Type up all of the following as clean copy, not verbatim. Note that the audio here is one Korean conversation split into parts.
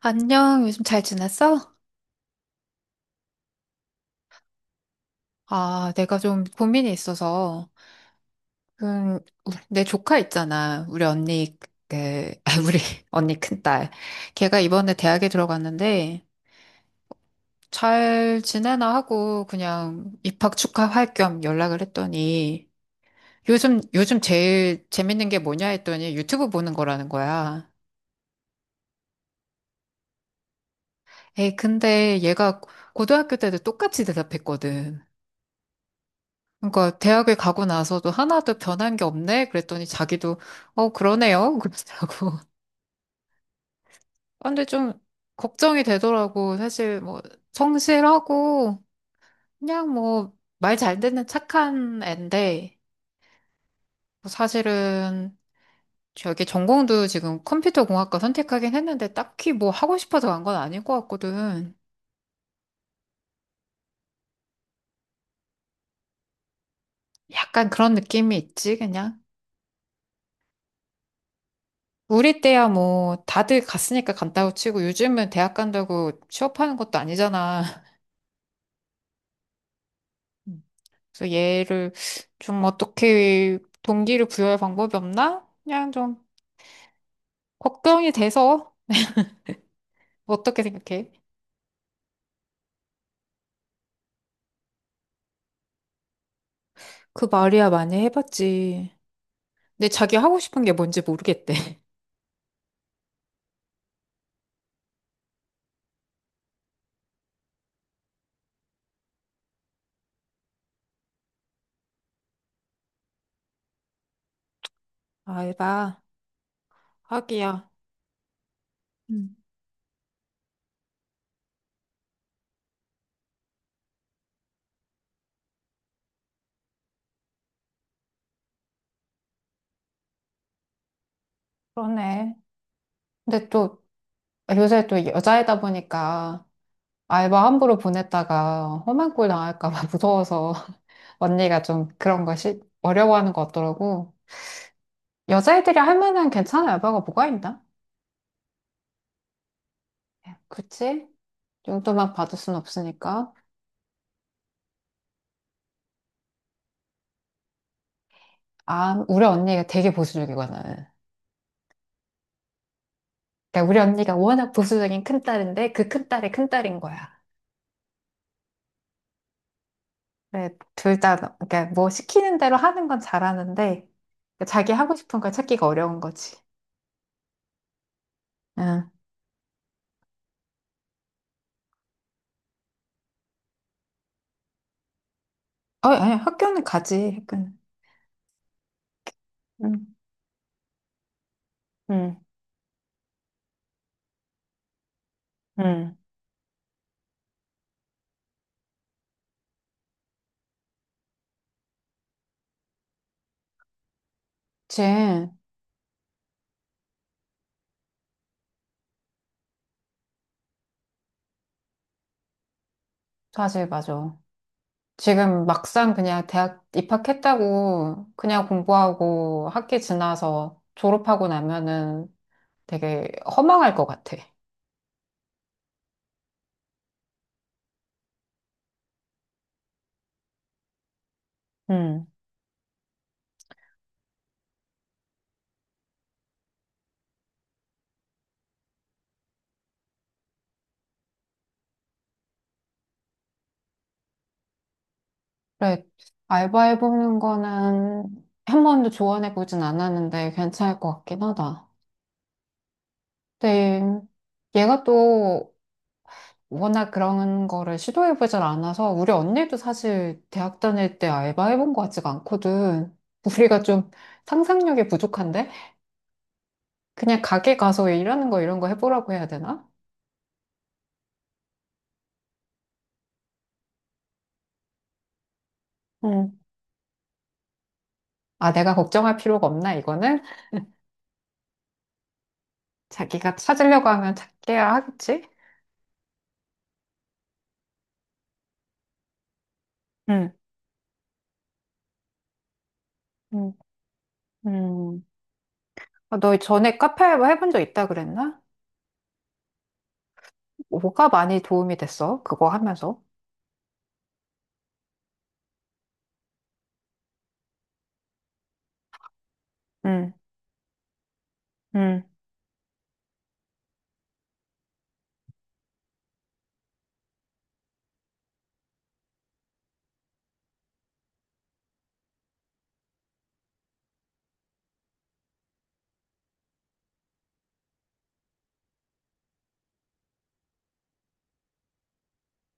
안녕, 요즘 잘 지냈어? 아, 내가 좀 고민이 있어서, 음, 내 조카 있잖아. 우리 언니, 그, 아, 우리 언니 큰딸. 걔가 이번에 대학에 들어갔는데, 잘 지내나 하고, 그냥 입학 축하할 겸 연락을 했더니, 요즘 제일 재밌는 게 뭐냐 했더니 유튜브 보는 거라는 거야. 에이, 근데 얘가 고등학교 때도 똑같이 대답했거든. 그러니까 대학을 가고 나서도 하나도 변한 게 없네? 그랬더니 자기도 어 그러네요. 그러더라고. 근데 좀 걱정이 되더라고. 사실 뭐 성실하고 그냥 뭐 말 잘 듣는 착한 애인데 뭐 사실은 저기 전공도 지금 컴퓨터공학과 선택하긴 했는데 딱히 뭐 하고 싶어서 간 건 아닐 것 같거든. 약간 그런 느낌이 있지 그냥. 우리 때야 뭐 다들 갔으니까 간다고 치고 요즘은 대학 간다고 취업하는 것도 아니잖아. 그래서 얘를 좀 어떻게 동기를 부여할 방법이 없나? 그냥 좀 걱정이 돼서 어떻게 생각해? 그 말이야 많이 해봤지. 근데 자기 하고 싶은 게 뭔지 모르겠대. 알바? 하기야. 음. 그러네. 근데 또 요새 또 여자이다 보니까 알바 함부로 보냈다가 험한 꼴 당할까 봐 무서워서 언니가 좀 그런 것이 어려워하는 것 같더라고. 여자애들이 할 만한 괜찮은 알바가 뭐가 있나? 그치? 용돈 막 받을 순 없으니까. 아, 우리 언니가 되게 보수적이거든. 그러니까 우리 언니가 워낙 보수적인 큰딸인데 그 큰딸이 큰딸인 거야. 그래, 둘 다, 그러니까 뭐 시키는 대로 하는 건 잘하는데 그러니까 자기 하고 싶은 걸 찾기가 어려운 거지. 응. 어, 아니, 학교는 가지, 학교는. 응. 응, 응. 그치. 사실, 맞아. 지금 막상 그냥 대학 입학했다고 그냥 공부하고 학기 지나서 졸업하고 나면은 되게 허망할 것 같아. 음, 그래, 알바해보는 거는 한 번도 조언해보진 않았는데 괜찮을 것 같긴 하다. 근데 얘가 또 워낙 그런 거를 시도해보질 않아서 우리 언니도 사실 대학 다닐 때 알바해본 것 같지가 않거든. 우리가 좀 상상력이 부족한데? 그냥 가게 가서 일하는 거 이런 거 해보라고 해야 되나? 음, 아, 내가 걱정할 필요가 없나, 이거는? 자기가 찾으려고 하면 찾게야 하겠지? 음. 음. 음. 아, 너 전에 카페 알바 해본 적 있다 그랬나? 뭐가 많이 도움이 됐어? 그거 하면서? 응, 응,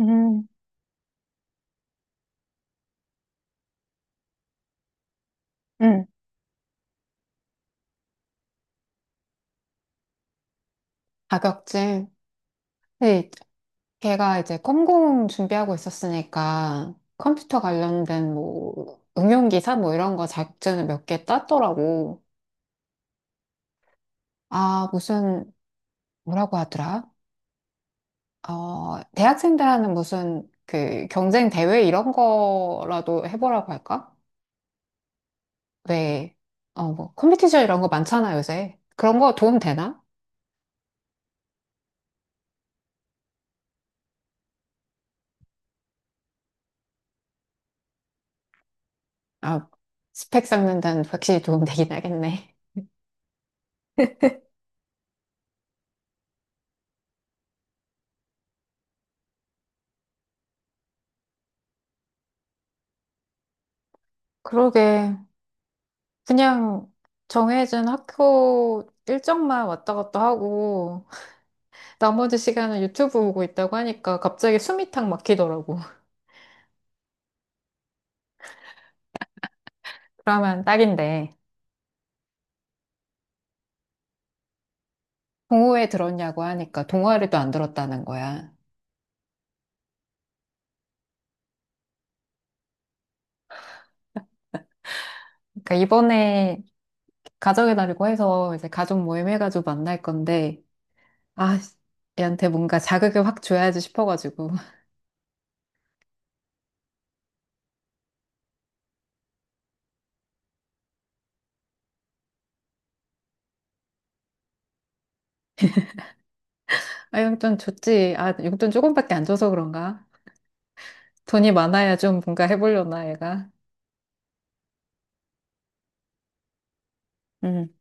응, 응. 자격증. 네, 걔가 이제 컴공 준비하고 있었으니까 컴퓨터 관련된 뭐 응용기사 뭐 이런 거 자격증을 몇 개 땄더라고. 아, 무슨 뭐라고 하더라? 어, 대학생들 하는 무슨 그 경쟁 대회 이런 거라도 해보라고 할까? 왜, 어, 뭐, 컴퓨티션 이런 거 많잖아, 요새. 그런 거 도움 되나? 아, 스펙 쌓는다는 확실히 도움 되긴 하겠네. 그러게. 그냥 정해진 학교 일정만 왔다 갔다 하고, 나머지 시간은 유튜브 보고 있다고 하니까 갑자기 숨이 탁 막히더라고. 그러면 딱인데. 동호회 들었냐고 하니까 동아리도 안 들었다는 거야. 그러니까 이번에 가정의 날이고 해서 이제 가족 모임 해가지고 만날 건데, 아, 얘한테 뭔가 자극을 확 줘야지 싶어가지고. 아, 용돈 줬지. 아, 용돈 조금밖에 안 줘서 그런가? 돈이 많아야 좀 뭔가 해보려나, 얘가. 음.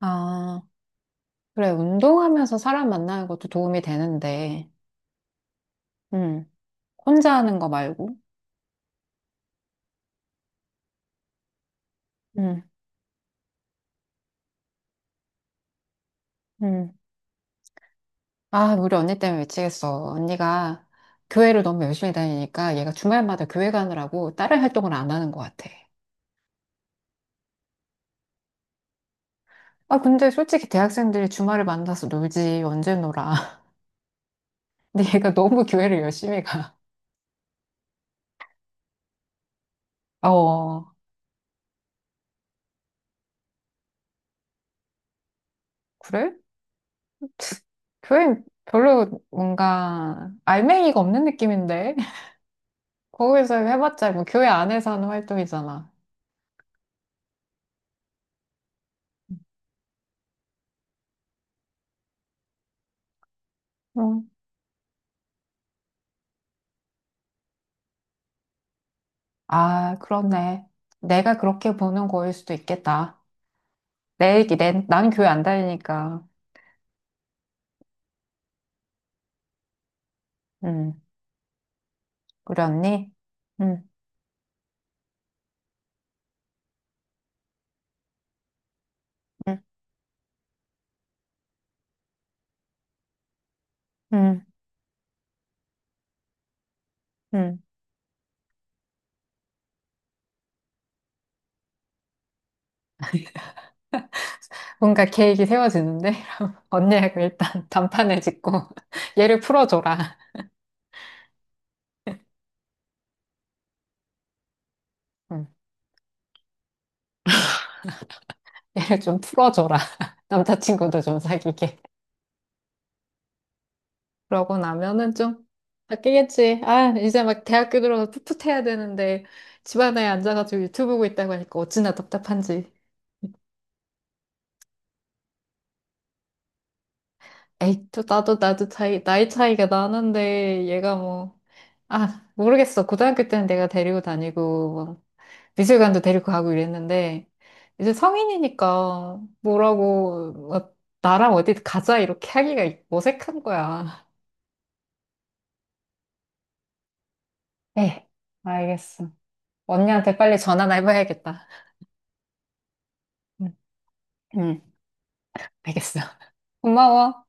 아, 그래. 운동하면서 사람 만나는 것도 도움이 되는데, 음, 혼자 하는 거 말고. 음. 음. 아, 우리 언니 때문에 미치겠어. 언니가 교회를 너무 열심히 다니니까 얘가 주말마다 교회 가느라고 다른 활동을 안 하는 것 같아. 아, 근데 솔직히 대학생들이 주말에 만나서 놀지. 언제 놀아. 근데 얘가 너무 교회를 열심히 가. 어, 그래? 교회 별로 뭔가 알맹이가 없는 느낌인데? 거기서 해봤자 뭐 교회 안에서 하는 활동이잖아. 응. 아, 그렇네. 내가 그렇게 보는 거일 수도 있겠다. 나는 교회 안 다니니까. 응 우리 언니? 응, 응, 응, 응. 뭔가 계획이 세워지는데? 언니하고 일단 단판을 짓고 얘를 풀어줘라. 응. 얘를 좀 풀어줘라. 남자친구도 좀 사귀게. 그러고 나면은 좀 바뀌겠지. 아, 이제 막 대학교 들어서 풋풋해야 되는데 집안에 앉아가지고 유튜브 보고 있다고 하니까 어찌나 답답한지. 에이, 또 나도 나이 차이가 나는데 얘가 뭐, 아, 모르겠어. 고등학교 때는 내가 데리고 다니고 뭐 미술관도 데리고 가고 이랬는데 이제 성인이니까 뭐라고 뭐 나랑 어디 가자 이렇게 하기가 어색한 거야. 에 알겠어. 언니한테 빨리 전화나 해봐야겠다. 응, 응, 알겠어. 고마워.